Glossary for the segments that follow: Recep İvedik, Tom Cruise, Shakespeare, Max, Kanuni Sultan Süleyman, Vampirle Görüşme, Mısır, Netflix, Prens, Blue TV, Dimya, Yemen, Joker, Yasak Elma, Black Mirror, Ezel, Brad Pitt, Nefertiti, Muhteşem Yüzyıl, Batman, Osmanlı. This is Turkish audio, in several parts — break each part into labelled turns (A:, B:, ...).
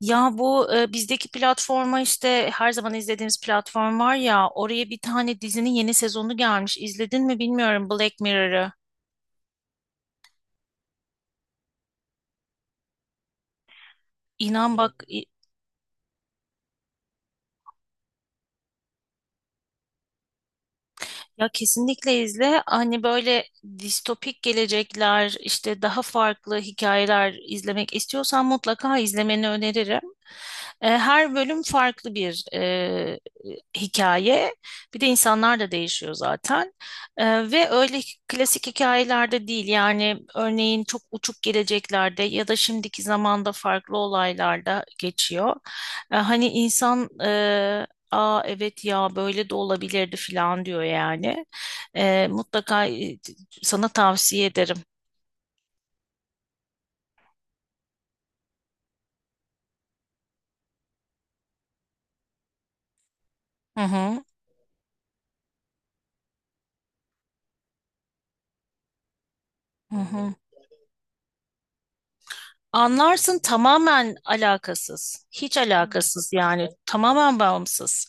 A: Ya bizdeki platforma işte her zaman izlediğimiz platform var ya oraya bir tane dizinin yeni sezonu gelmiş. İzledin mi bilmiyorum Black Mirror'ı. İnan bak i- ya kesinlikle izle. Hani böyle distopik gelecekler işte daha farklı hikayeler izlemek istiyorsan mutlaka izlemeni öneririm. E, Her bölüm farklı bir hikaye. Bir de insanlar da değişiyor zaten. Ve öyle klasik hikayelerde değil. Yani örneğin çok uçuk geleceklerde ya da şimdiki zamanda farklı olaylarda geçiyor. Hani insan, aa evet ya böyle de olabilirdi falan diyor yani. Ee, mutlaka sana tavsiye ederim. Hı hı. Hı hı. Anlarsın, tamamen alakasız. Hiç alakasız yani. Tamamen bağımsız.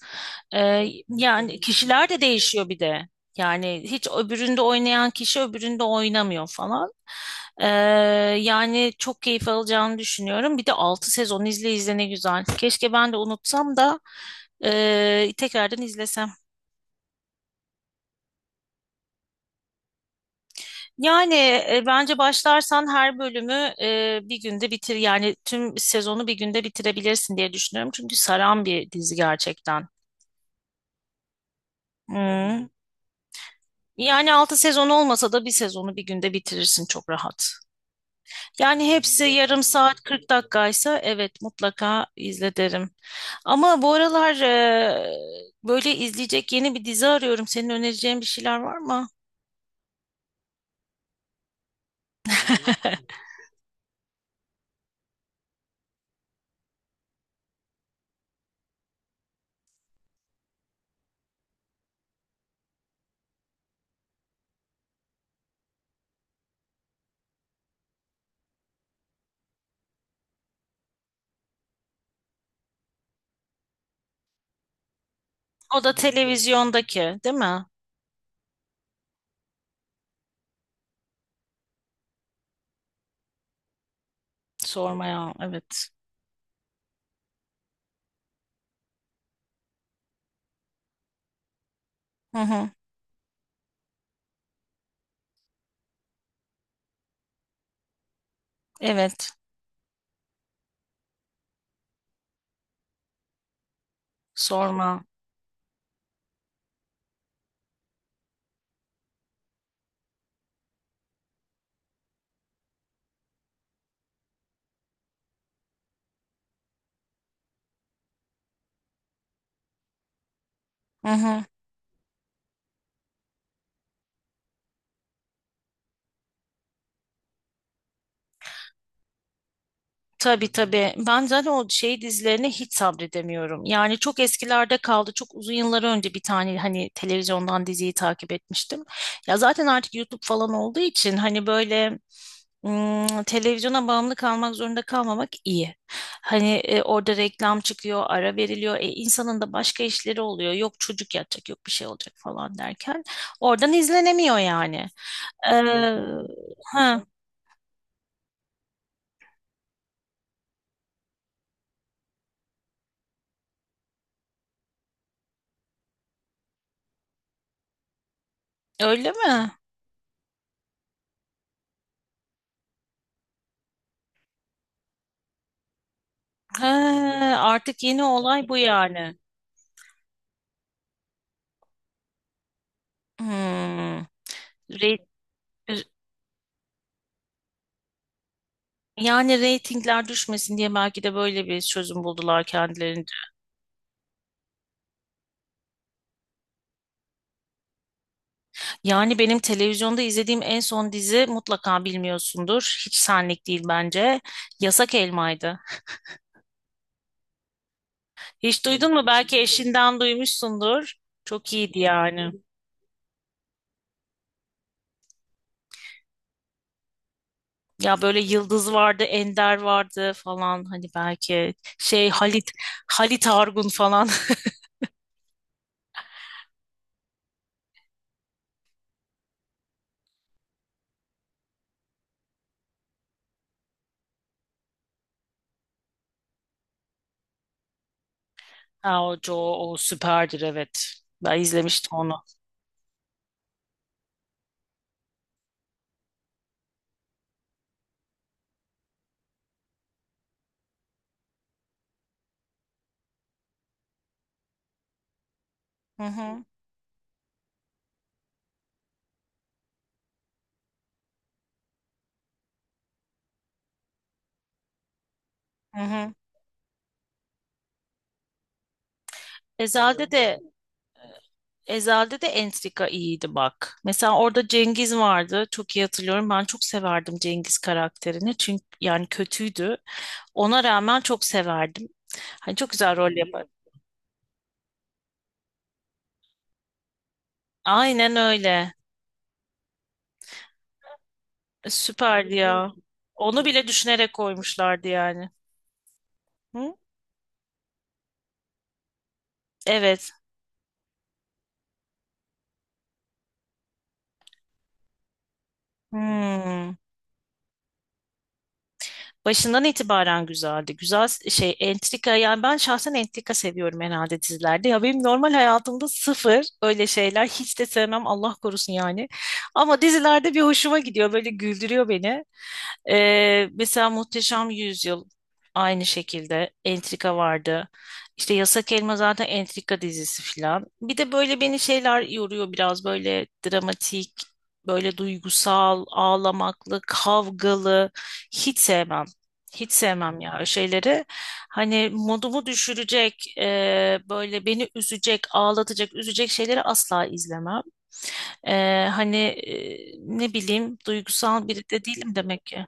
A: Yani kişiler de değişiyor bir de. Yani hiç öbüründe oynayan kişi öbüründe oynamıyor falan. Ee, Yani çok keyif alacağını düşünüyorum. Bir de altı sezon izle izle ne güzel. Keşke ben de unutsam da tekrardan izlesem. Yani bence başlarsan her bölümü bir günde bitir, yani tüm sezonu bir günde bitirebilirsin diye düşünüyorum. Çünkü saran bir dizi gerçekten. Hmm. Yani 6 sezon olmasa da bir sezonu bir günde bitirirsin çok rahat. Yani hepsi yarım saat 40 dakikaysa evet mutlaka izle derim. Ama bu aralar böyle izleyecek yeni bir dizi arıyorum. Senin önereceğin bir şeyler var mı? O da televizyondaki, değil mi? Sormaya. Evet. Hı hı. Evet. Sorma. Hı hı. Tabii tabii. Ben zaten o şey dizilerine hiç sabredemiyorum. Yani çok eskilerde kaldı. Çok uzun yıllar önce bir tane hani televizyondan diziyi takip etmiştim. Ya zaten artık YouTube falan olduğu için hani böyle, televizyona bağımlı kalmak zorunda kalmamak iyi. Hani orada reklam çıkıyor, ara veriliyor. E, insanın da başka işleri oluyor. Yok çocuk yatacak, yok bir şey olacak falan derken oradan izlenemiyor yani. Ee, ha, Öyle mi? He, artık yeni olay bu yani. Hmm. Re- Yani reytingler düşmesin diye belki de böyle bir çözüm buldular kendilerince. Yani benim televizyonda izlediğim en son dizi mutlaka bilmiyorsundur. Hiç senlik değil bence. Yasak Elma'ydı. Hiç duydun mu? Belki eşinden duymuşsundur. Çok iyiydi yani. Ya böyle Yıldız vardı, Ender vardı falan. Hani belki şey Halit Argun falan. Ha, o, o, o süperdir evet. Ben izlemiştim onu. Hı hı. Hı hı. Ezel'de de Ezel'de de entrika iyiydi bak. Mesela orada Cengiz vardı. Çok iyi hatırlıyorum. Ben çok severdim Cengiz karakterini. Çünkü yani kötüydü, ona rağmen çok severdim. Hani çok güzel rol yapar. Aynen öyle. Süperdi ya. Onu bile düşünerek koymuşlardı yani. Hı? Evet. Hmm. Başından itibaren güzeldi. Güzel şey entrika, yani ben şahsen entrika seviyorum herhalde dizilerde. Ya benim normal hayatımda sıfır, öyle şeyler hiç de sevmem Allah korusun yani. Ama dizilerde bir hoşuma gidiyor, böyle güldürüyor beni. Mesela Muhteşem Yüzyıl aynı şekilde entrika vardı. İşte Yasak Elma zaten entrika dizisi filan. Bir de böyle beni şeyler yoruyor biraz, böyle dramatik, böyle duygusal, ağlamaklı, kavgalı hiç sevmem. Hiç sevmem ya şeyleri. Hani modumu düşürecek, böyle beni üzecek, ağlatacak, üzecek şeyleri asla izlemem. Hani ne bileyim, duygusal biri de değilim demek ki.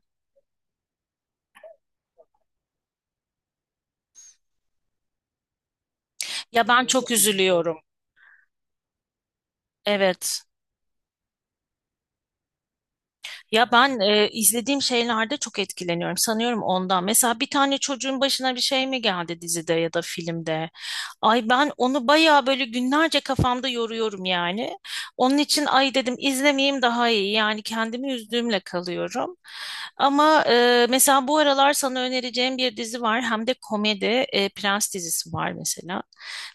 A: Ya ben çok üzülüyorum. Evet. Ya ben izlediğim şeylerde çok etkileniyorum. Sanıyorum ondan. Mesela bir tane çocuğun başına bir şey mi geldi dizide ya da filmde? Ay ben onu bayağı böyle günlerce kafamda yoruyorum yani. Onun için ay dedim izlemeyeyim daha iyi. Yani kendimi üzdüğümle kalıyorum. Ama mesela bu aralar sana önereceğim bir dizi var. Hem de komedi, Prens dizisi var mesela.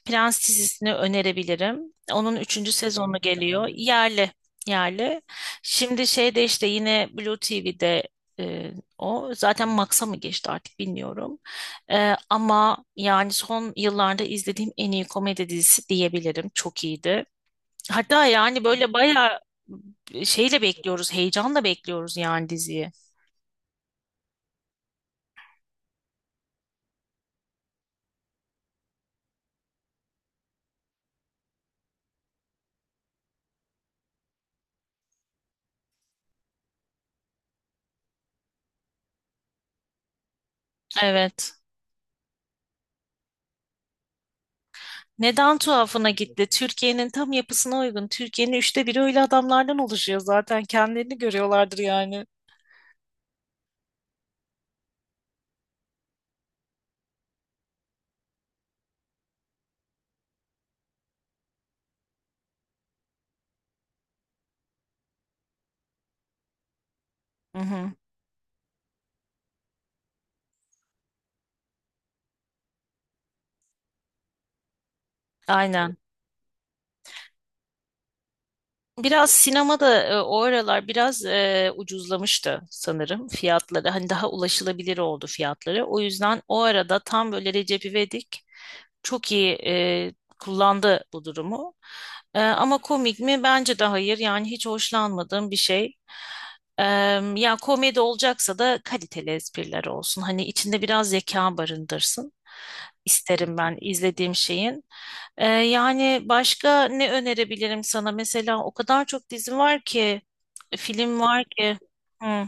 A: Prens dizisini önerebilirim. Onun üçüncü sezonu geliyor. Yerli. Yerli. Şimdi şeyde işte yine Blue TV'de e, o zaten Max'a mı geçti artık bilmiyorum. Ama yani son yıllarda izlediğim en iyi komedi dizisi diyebilirim. Çok iyiydi. Hatta yani böyle bayağı şeyle bekliyoruz, heyecanla bekliyoruz yani diziyi. Evet. Neden tuhafına gitti? Türkiye'nin tam yapısına uygun. Türkiye'nin üçte biri öyle adamlardan oluşuyor zaten. Kendilerini görüyorlardır yani. Hı hı. Aynen. Biraz sinema da o aralar biraz ucuzlamıştı sanırım fiyatları. Hani daha ulaşılabilir oldu fiyatları. O yüzden o arada tam böyle Recep İvedik çok iyi kullandı bu durumu. E, ama komik mi? Bence de hayır. Yani hiç hoşlanmadığım bir şey. E, Ya komedi olacaksa da kaliteli espriler olsun. Hani içinde biraz zeka barındırsın. İsterim ben izlediğim şeyin. Yani başka ne önerebilirim sana? Mesela o kadar çok dizi var ki, film var ki. Hı.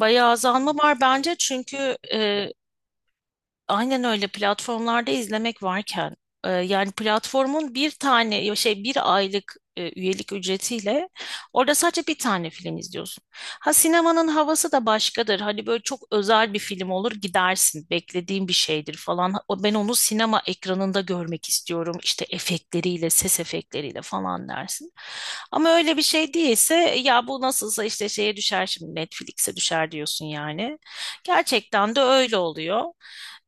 A: Bayağı azalma var bence çünkü, aynen öyle, platformlarda izlemek varken yani platformun bir tane ya şey bir aylık üyelik ücretiyle orada sadece bir tane film izliyorsun. Ha, sinemanın havası da başkadır. Hani böyle çok özel bir film olur gidersin. Beklediğin bir şeydir falan. Ben onu sinema ekranında görmek istiyorum. İşte efektleriyle, ses efektleriyle falan dersin. Ama öyle bir şey değilse ya bu nasılsa işte şeye düşer, şimdi Netflix'e düşer diyorsun yani. Gerçekten de öyle oluyor.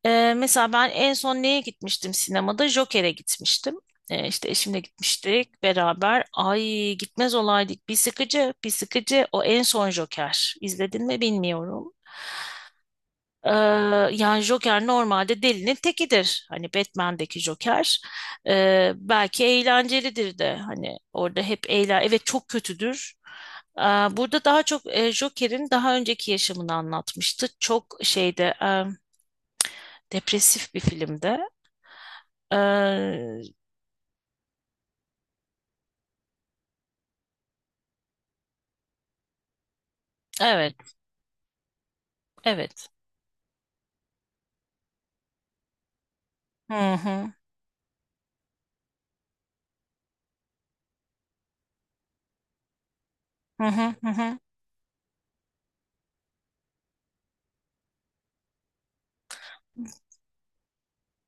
A: Mesela ben en son neye gitmiştim sinemada? Joker'e gitmiştim. İşte eşimle gitmiştik beraber. Ay gitmez olaydık. Bir sıkıcı, bir sıkıcı. O en son Joker. İzledin mi bilmiyorum. Ee, Yani Joker normalde delinin tekidir. Hani Batman'deki Joker. Belki eğlencelidir de. Hani orada hep eğlen... Evet çok kötüdür. Ee, Burada daha çok Joker'in daha önceki yaşamını anlatmıştı. Çok şeyde... depresif bir filmdi. Ee, evet, evet. Hı hı. Hı hı hı. hı.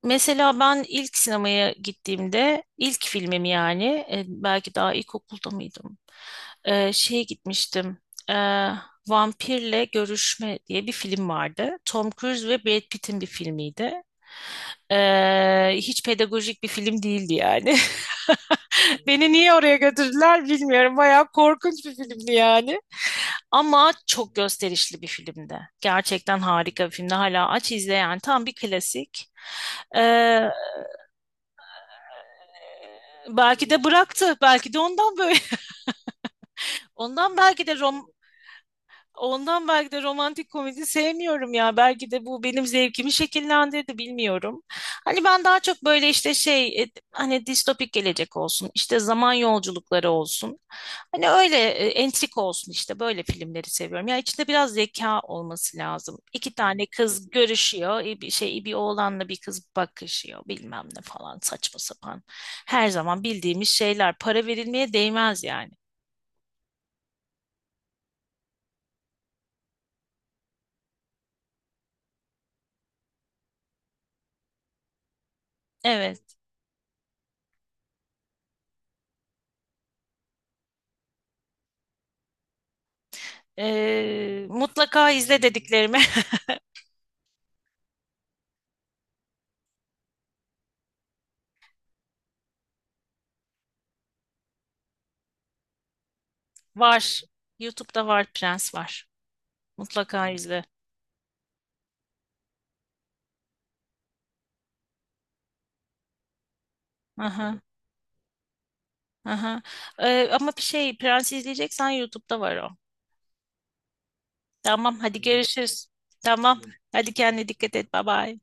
A: Mesela ben ilk sinemaya gittiğimde ilk filmim yani, belki daha ilkokulda mıydım? Şeye gitmiştim. Ee, Vampirle Görüşme diye bir film vardı. Tom Cruise ve Brad Pitt'in bir filmiydi. Hiç pedagojik bir film değildi yani. Beni niye oraya götürdüler bilmiyorum. Bayağı korkunç bir filmdi yani. Ama çok gösterişli bir filmdi. Gerçekten harika bir filmdi. Hala aç izle yani. Tam bir klasik. Ee, Belki de bıraktı. Belki de ondan böyle. Ondan belki de Rom Ondan belki de romantik komedi sevmiyorum ya. Belki de bu benim zevkimi şekillendirdi bilmiyorum. Hani ben daha çok böyle işte hani distopik gelecek olsun, işte zaman yolculukları olsun. Hani öyle entrik olsun, işte böyle filmleri seviyorum. Ya içinde biraz zeka olması lazım. İki tane kız görüşüyor, bir şey, bir oğlanla bir kız bakışıyor bilmem ne falan, saçma sapan. Her zaman bildiğimiz şeyler, para verilmeye değmez yani. Evet. Mutlaka izle dediklerimi var. YouTube'da var, Prens var. Mutlaka izle. Aha, aha. Ama bir şey, Prens izleyeceksen YouTube'da var o. Tamam hadi görüşürüz. Tamam hadi kendine dikkat et. Bye bye.